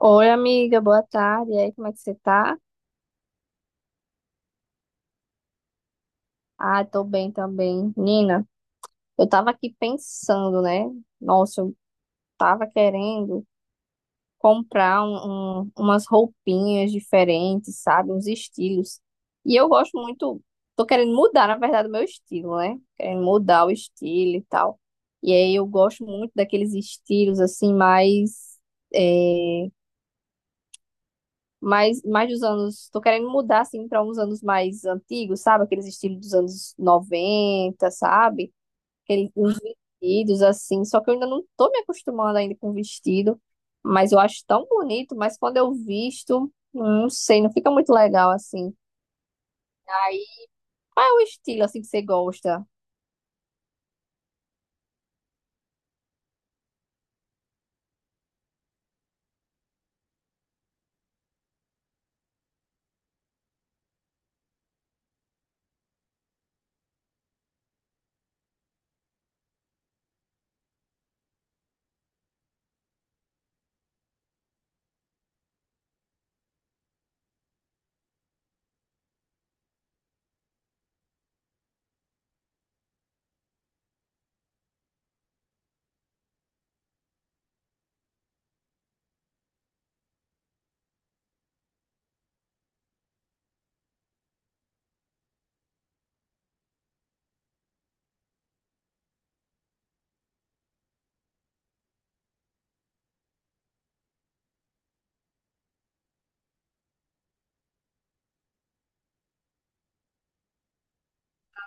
Oi, amiga, boa tarde. E aí, como é que você tá? Ah, tô bem também. Nina, eu tava aqui pensando, né? Nossa, eu tava querendo comprar umas roupinhas diferentes, sabe? Uns estilos. E eu gosto muito, tô querendo mudar, na verdade, o meu estilo, né? Querendo mudar o estilo e tal. E aí eu gosto muito daqueles estilos, assim, eh, Mas mais dos anos, tô querendo mudar assim para uns anos mais antigos, sabe? Aqueles estilos dos anos noventa, sabe? Aqueles uns vestidos assim, só que eu ainda não tô me acostumando ainda com vestido, mas eu acho tão bonito, mas quando eu visto, não sei, não fica muito legal assim. Aí, qual é o estilo assim que você gosta?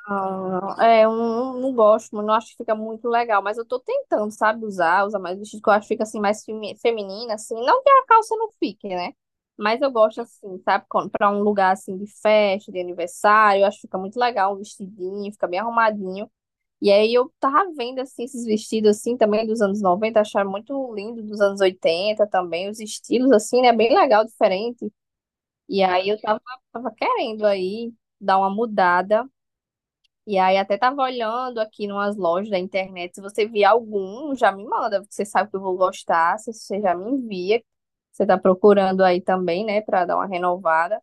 Ah, é, eu não, não gosto, mas não acho que fica muito legal, mas eu tô tentando, sabe, usar mais vestido, que eu acho que fica assim mais feminina, assim, não que a calça não fique, né? Mas eu gosto assim, sabe, pra um lugar assim de festa, de aniversário, eu acho que fica muito legal um vestidinho, fica bem arrumadinho. E aí eu tava vendo assim esses vestidos assim também dos anos 90, acharam muito lindo dos anos 80 também, os estilos assim, né, bem legal, diferente. E aí tava querendo aí dar uma mudada. E aí até tava olhando aqui numas lojas da internet, se você vier algum, já me manda, porque você sabe que eu vou gostar, se você já me envia, você tá procurando aí também, né, pra dar uma renovada.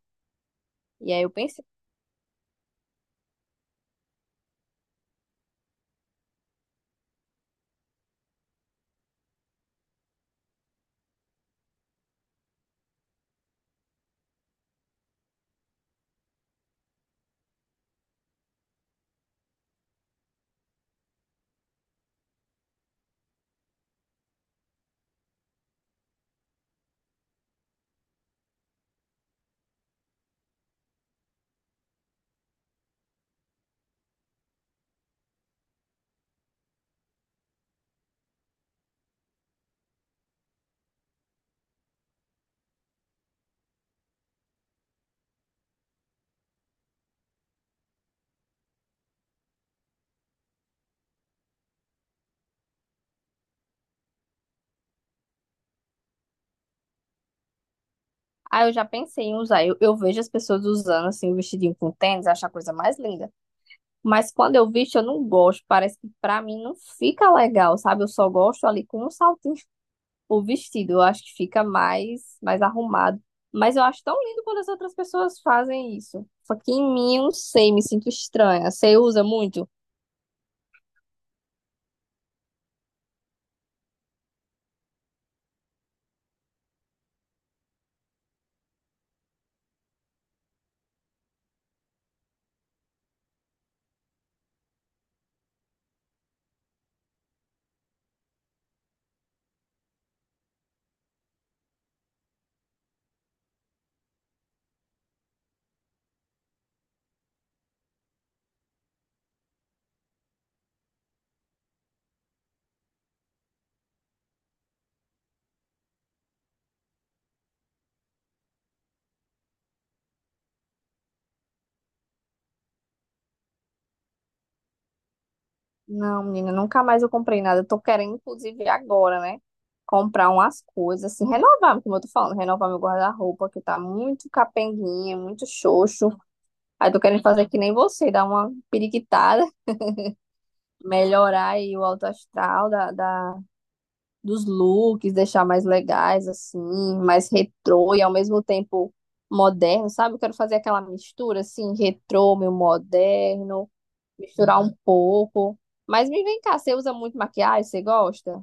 E aí eu pensei, ah, eu já pensei em usar, eu vejo as pessoas usando assim, o vestidinho com tênis, acho a coisa mais linda. Mas quando eu visto, eu não gosto, parece que pra mim não fica legal, sabe? Eu só gosto ali com um saltinho o vestido. Eu acho que fica mais arrumado. Mas eu acho tão lindo quando as outras pessoas fazem isso. Só que em mim, eu não sei, me sinto estranha. Você usa muito? Não, menina, nunca mais eu comprei nada. Eu tô querendo, inclusive, agora, né? Comprar umas coisas, assim, renovar, como eu tô falando, renovar meu guarda-roupa, que tá muito capenguinha, muito xoxo. Aí tô querendo fazer que nem você, dar uma periquitada, melhorar aí o alto astral dos looks, deixar mais legais, assim, mais retrô e ao mesmo tempo moderno, sabe? Eu quero fazer aquela mistura, assim, retrô, meio moderno, misturar um pouco. Mas me vem cá, você usa muito maquiagem? Você gosta?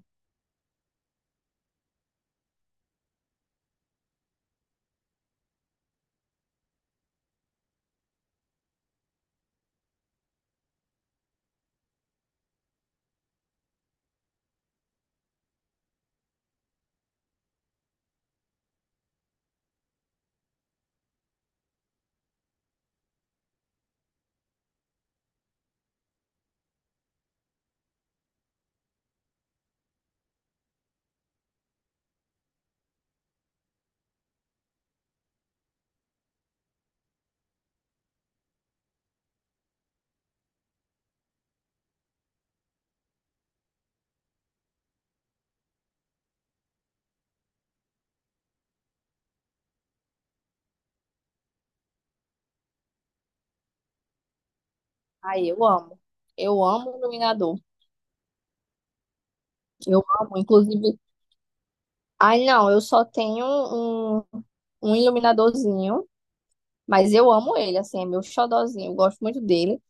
Ai, eu amo. Eu amo iluminador. Eu amo, inclusive. Ai, não, eu só tenho um iluminadorzinho, mas eu amo ele, assim, é meu xodózinho, eu gosto muito dele.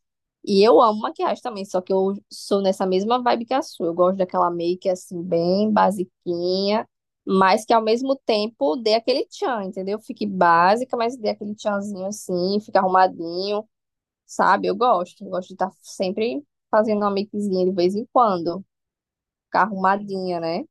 E eu amo maquiagem também, só que eu sou nessa mesma vibe que a sua. Eu gosto daquela make assim, bem basiquinha, mas que ao mesmo tempo dê aquele tchan, entendeu? Fique básica, mas dê aquele tchanzinho assim, fica arrumadinho, sabe? Eu gosto. Eu gosto de estar sempre fazendo uma makezinha de vez em quando, ficar arrumadinha, né?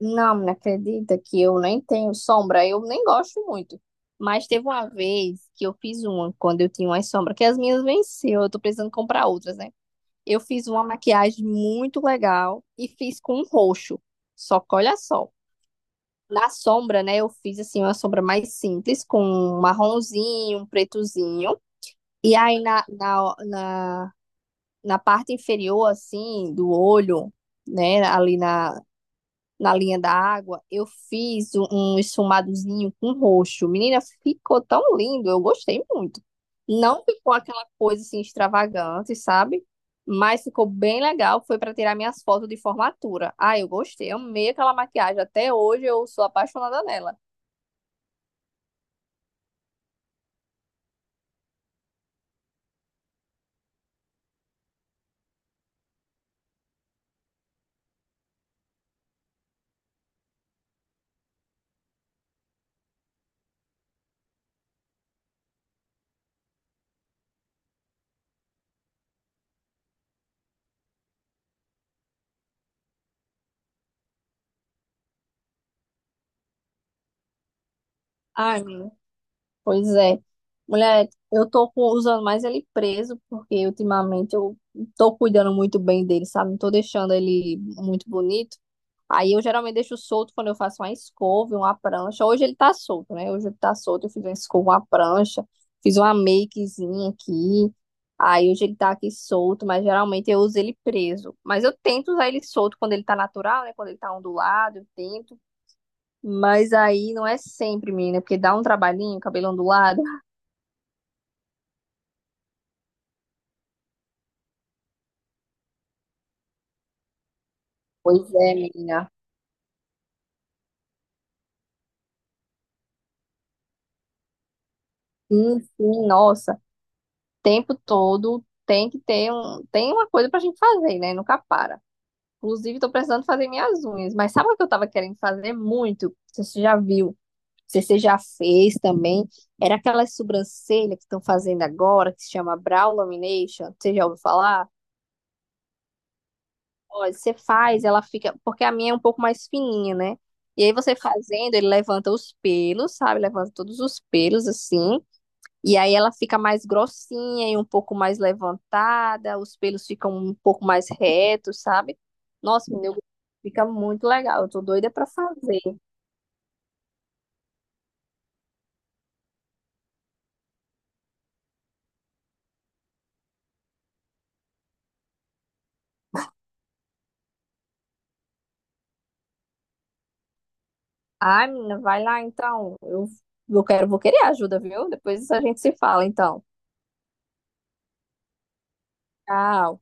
Não, me acredita que eu nem tenho sombra, eu nem gosto muito. Mas teve uma vez que eu fiz uma, quando eu tinha uma sombra que as minhas venceu, eu tô precisando comprar outras, né? Eu fiz uma maquiagem muito legal e fiz com roxo. Só que olha só, na sombra, né, eu fiz assim uma sombra mais simples, com um marronzinho, um pretozinho. E aí na parte inferior, assim, do olho, né, na linha da água, eu fiz um esfumadozinho com roxo. Menina, ficou tão lindo, eu gostei muito. Não ficou aquela coisa assim extravagante, sabe? Mas ficou bem legal. Foi para tirar minhas fotos de formatura. Ah, eu gostei, amei aquela maquiagem. Até hoje eu sou apaixonada nela. Ai, menina, pois é. Mulher, eu tô usando mais ele preso, porque ultimamente eu tô cuidando muito bem dele, sabe? Não tô deixando ele muito bonito. Aí eu geralmente deixo solto quando eu faço uma escova e uma prancha. Hoje ele tá solto, né? Hoje ele tá solto, eu fiz uma escova, uma prancha, fiz uma makezinha aqui. Aí hoje ele tá aqui solto, mas geralmente eu uso ele preso. Mas eu tento usar ele solto quando ele tá natural, né? Quando ele tá ondulado, eu tento. Mas aí não é sempre, menina, porque dá um trabalhinho, cabelo ondulado. Pois é, menina. Sim, sim, nossa. Tempo todo tem que ter um, tem uma coisa pra gente fazer, né? Nunca para. Inclusive, tô precisando fazer minhas unhas. Mas sabe o que eu tava querendo fazer muito? Não sei se você já viu? Não sei se você já fez também? Era aquelas sobrancelhas que estão fazendo agora, que se chama brow lamination. Você já ouviu falar? Olha, você faz, ela fica. Porque a minha é um pouco mais fininha, né? E aí você fazendo, ele levanta os pelos, sabe? Levanta todos os pelos assim. E aí ela fica mais grossinha e um pouco mais levantada, os pelos ficam um pouco mais retos, sabe? Nossa, menina, fica muito legal. Eu tô doida pra fazer. Ai, menina, vai lá então. Eu quero, vou querer ajuda, viu? Depois a gente se fala, então. Tchau.